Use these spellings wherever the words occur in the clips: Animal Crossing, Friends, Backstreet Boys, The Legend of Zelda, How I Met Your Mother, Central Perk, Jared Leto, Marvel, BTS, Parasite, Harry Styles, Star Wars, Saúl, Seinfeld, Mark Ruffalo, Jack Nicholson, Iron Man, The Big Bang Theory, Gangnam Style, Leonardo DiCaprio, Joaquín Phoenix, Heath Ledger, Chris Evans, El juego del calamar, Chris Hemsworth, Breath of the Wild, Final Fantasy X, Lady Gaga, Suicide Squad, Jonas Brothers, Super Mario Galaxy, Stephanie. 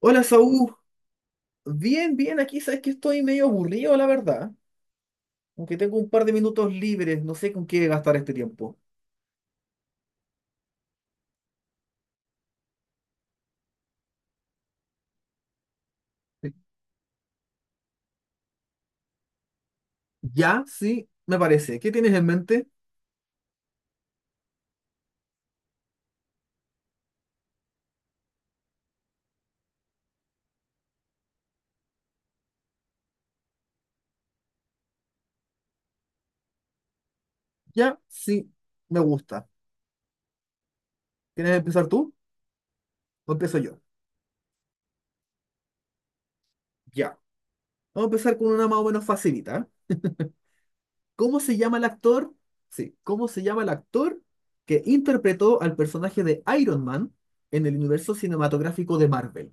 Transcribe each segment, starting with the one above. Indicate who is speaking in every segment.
Speaker 1: Hola, Saúl. Bien, bien, aquí sabes que estoy medio aburrido, la verdad. Aunque tengo un par de minutos libres, no sé con qué gastar este tiempo. Ya, sí, me parece. ¿Qué tienes en mente? Ya, sí, me gusta. ¿Quieres empezar tú o empiezo yo? Ya. Vamos a empezar con una más o menos facilita. ¿Eh? ¿Cómo se llama el actor? Sí, ¿cómo se llama el actor que interpretó al personaje de Iron Man en el universo cinematográfico de Marvel?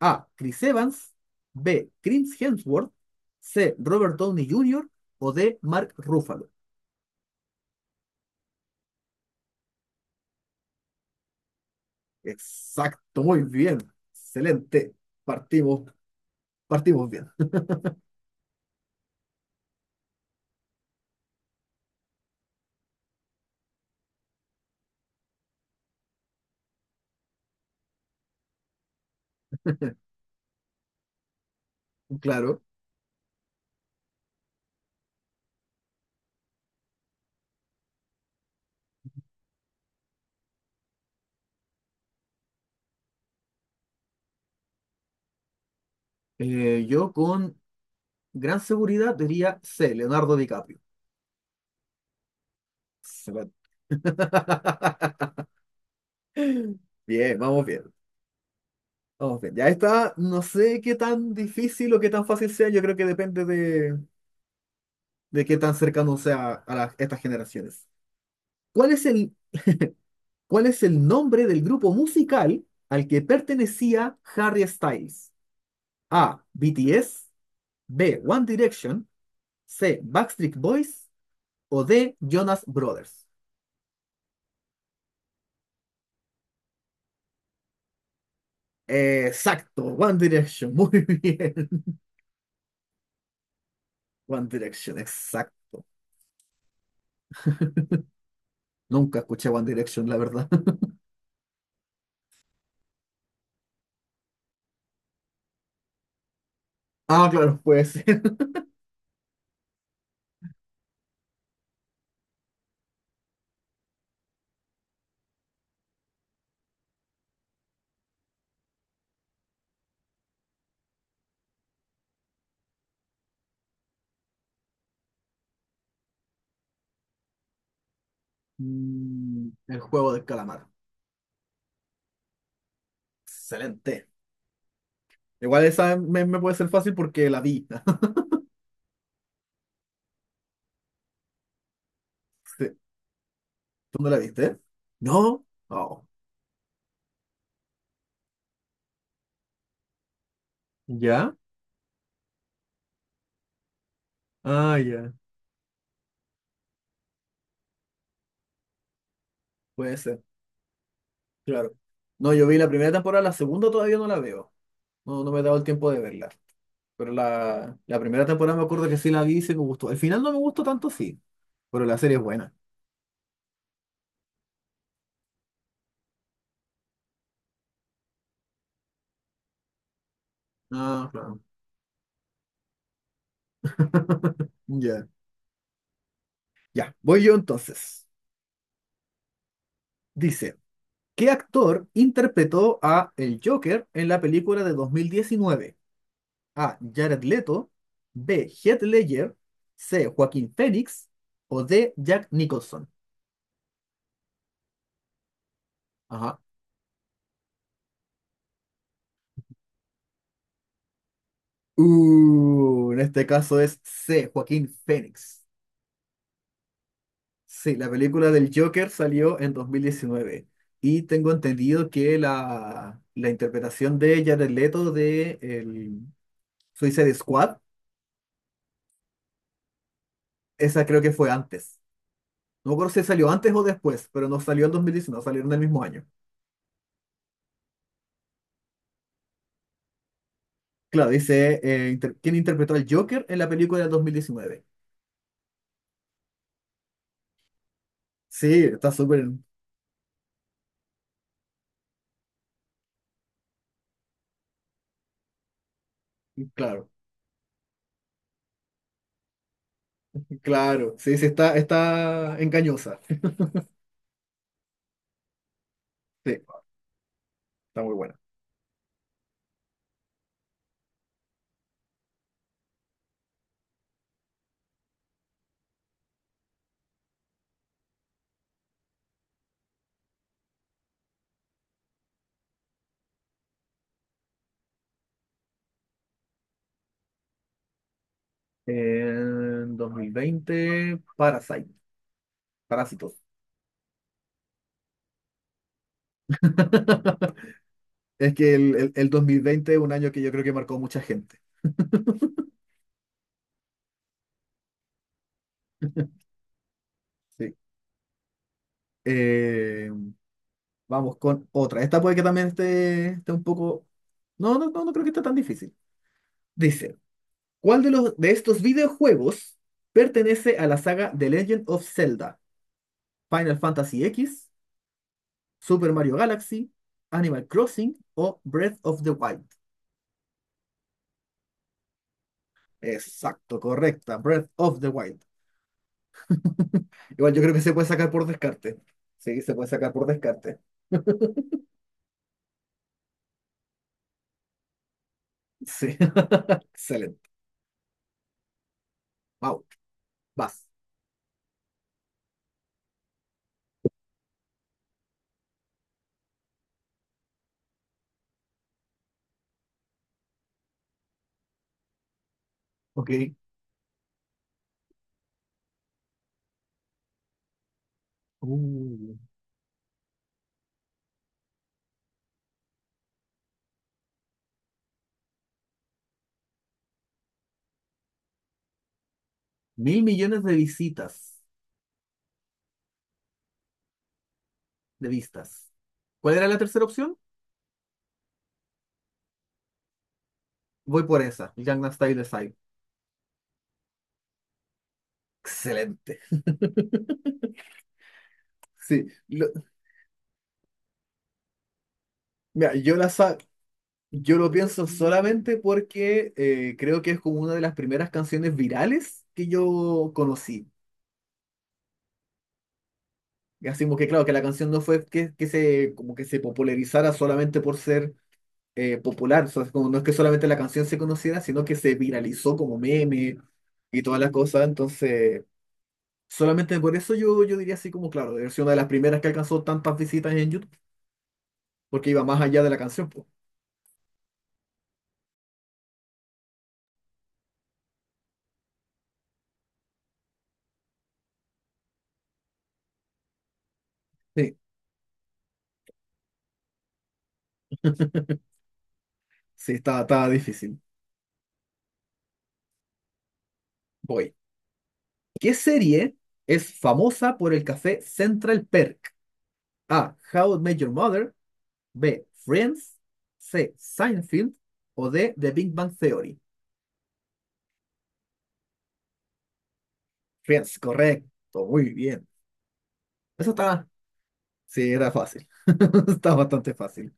Speaker 1: A. Chris Evans. B. Chris Hemsworth. C. Robert Downey Jr. O D. Mark Ruffalo. Exacto, muy bien. Excelente. Partimos, partimos bien. Claro. Yo con gran seguridad diría C. Leonardo DiCaprio. Excelente. Bien, vamos bien. Vamos bien. Ya está. No sé qué tan difícil o qué tan fácil sea. Yo creo que depende de qué tan cercano sea a estas generaciones. ¿Cuál es el ¿Cuál es el nombre del grupo musical al que pertenecía Harry Styles? A. BTS. B. One Direction. C. Backstreet Boys. O D. Jonas Brothers. Exacto, One Direction. Muy bien. One Direction, exacto. Nunca escuché One Direction, la verdad. Ah, claro, puede ser. El juego del calamar. Excelente. Igual esa me puede ser fácil porque la vi. Sí. ¿Tú no la viste? No. Oh. ¿Ya? Ah, ya. Puede ser, claro. No, yo vi la primera temporada, la segunda todavía no la veo. No, no me he dado el tiempo de verla. Pero la primera temporada me acuerdo que sí la vi y sí me gustó. El final no me gustó tanto, sí, pero la serie es buena. Ah, claro. Ya. Ya, voy yo entonces. Dice, ¿qué actor interpretó a el Joker en la película de 2019? A. Jared Leto, B. Heath Ledger, C. Joaquín Phoenix o D. Jack Nicholson. Ajá. En este caso es C, Joaquín Phoenix. Sí, la película del Joker salió en 2019 y tengo entendido que la interpretación de Jared Leto de el Suicide Squad, esa creo que fue antes. No me acuerdo si salió antes o después, pero no salió en 2019. Salieron el mismo año. Claro, dice quién interpretó al Joker en la película del 2019. Sí, está súper claro, claro. Sí, sí, está engañosa. Sí, está muy buena. En 2020, Parasite, Parásitos. Es que el 2020 es un año que yo creo que marcó mucha gente. Sí. Eh, Vamos con otra. Esta puede que también esté un poco. No, no, no, no creo que esté tan difícil. Dice, ¿cuál de estos videojuegos pertenece a la saga The Legend of Zelda? Final Fantasy X, Super Mario Galaxy, Animal Crossing o Breath of the Wild. Exacto, correcta, Breath of the Wild. Igual yo creo que se puede sacar por descarte. Sí, se puede sacar por descarte. Sí, excelente. Wow, vas. Ok. Uh, Mil millones de visitas, de vistas. ¿Cuál era la tercera opción? Voy por esa. El Gangnam Style Desire. Excelente. Sí, mira, yo lo pienso solamente porque creo que es como una de las primeras canciones virales que yo conocí. Así como que claro, que la canción no fue que se como que se popularizara solamente por ser popular. O sea, es como no es que solamente la canción se conociera, sino que se viralizó como meme y todas las cosas. Entonces, solamente por eso yo diría así como, claro, debe ser una de las primeras que alcanzó tantas visitas en YouTube, porque iba más allá de la canción, po. Sí, sí, estaba difícil. Voy. ¿Qué serie es famosa por el café Central Perk? A. How I Met Your Mother. B. Friends. C. Seinfeld. O D. The Big Bang Theory. Friends, correcto. Muy bien. Eso estaba. Sí, era fácil. Está bastante fácil.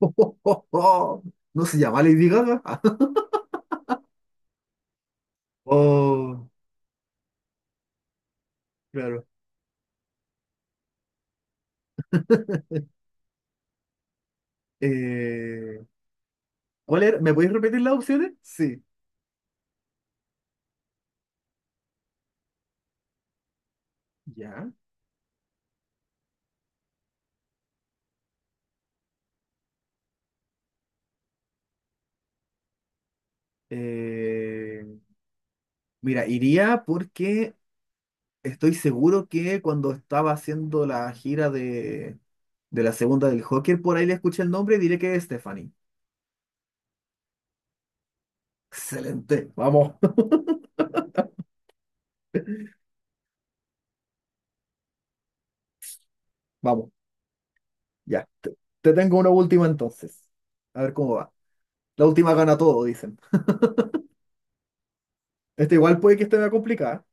Speaker 1: No se llama Lady Gaga. Oh, claro. Eh, ¿Cuál era? ¿Me podéis repetir las opciones? Sí. Ya. Eh, Mira, iría porque estoy seguro que cuando estaba haciendo la gira de la segunda del Joker, por ahí le escuché el nombre y diré que es Stephanie. Excelente. Vamos, vamos. Ya. Te tengo una última entonces. A ver cómo va. La última gana todo, dicen. Este igual puede que esté más complicada.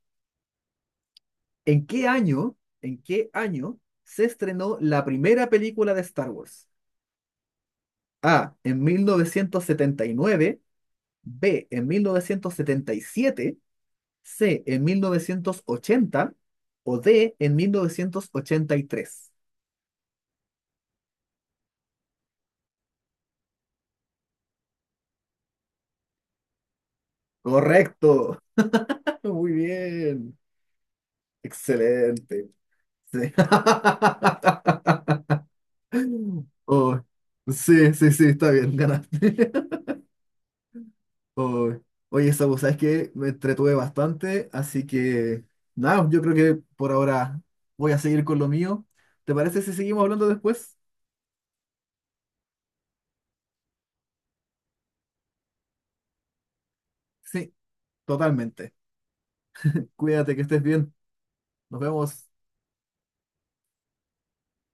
Speaker 1: ¿En qué año, ¿En qué año se estrenó la primera película de Star Wars? A, en 1979. B, en 1977. C, en 1980. O D, en 1983. Correcto. Muy bien. Excelente. Sí. Oh, sí, sí, sí, está bien, ganaste. Oh, oye, Sabu, sabes que me entretuve bastante, así que nada, yo creo que por ahora voy a seguir con lo mío. ¿Te parece si seguimos hablando después? Sí, totalmente. Cuídate, que estés bien. Nos vemos.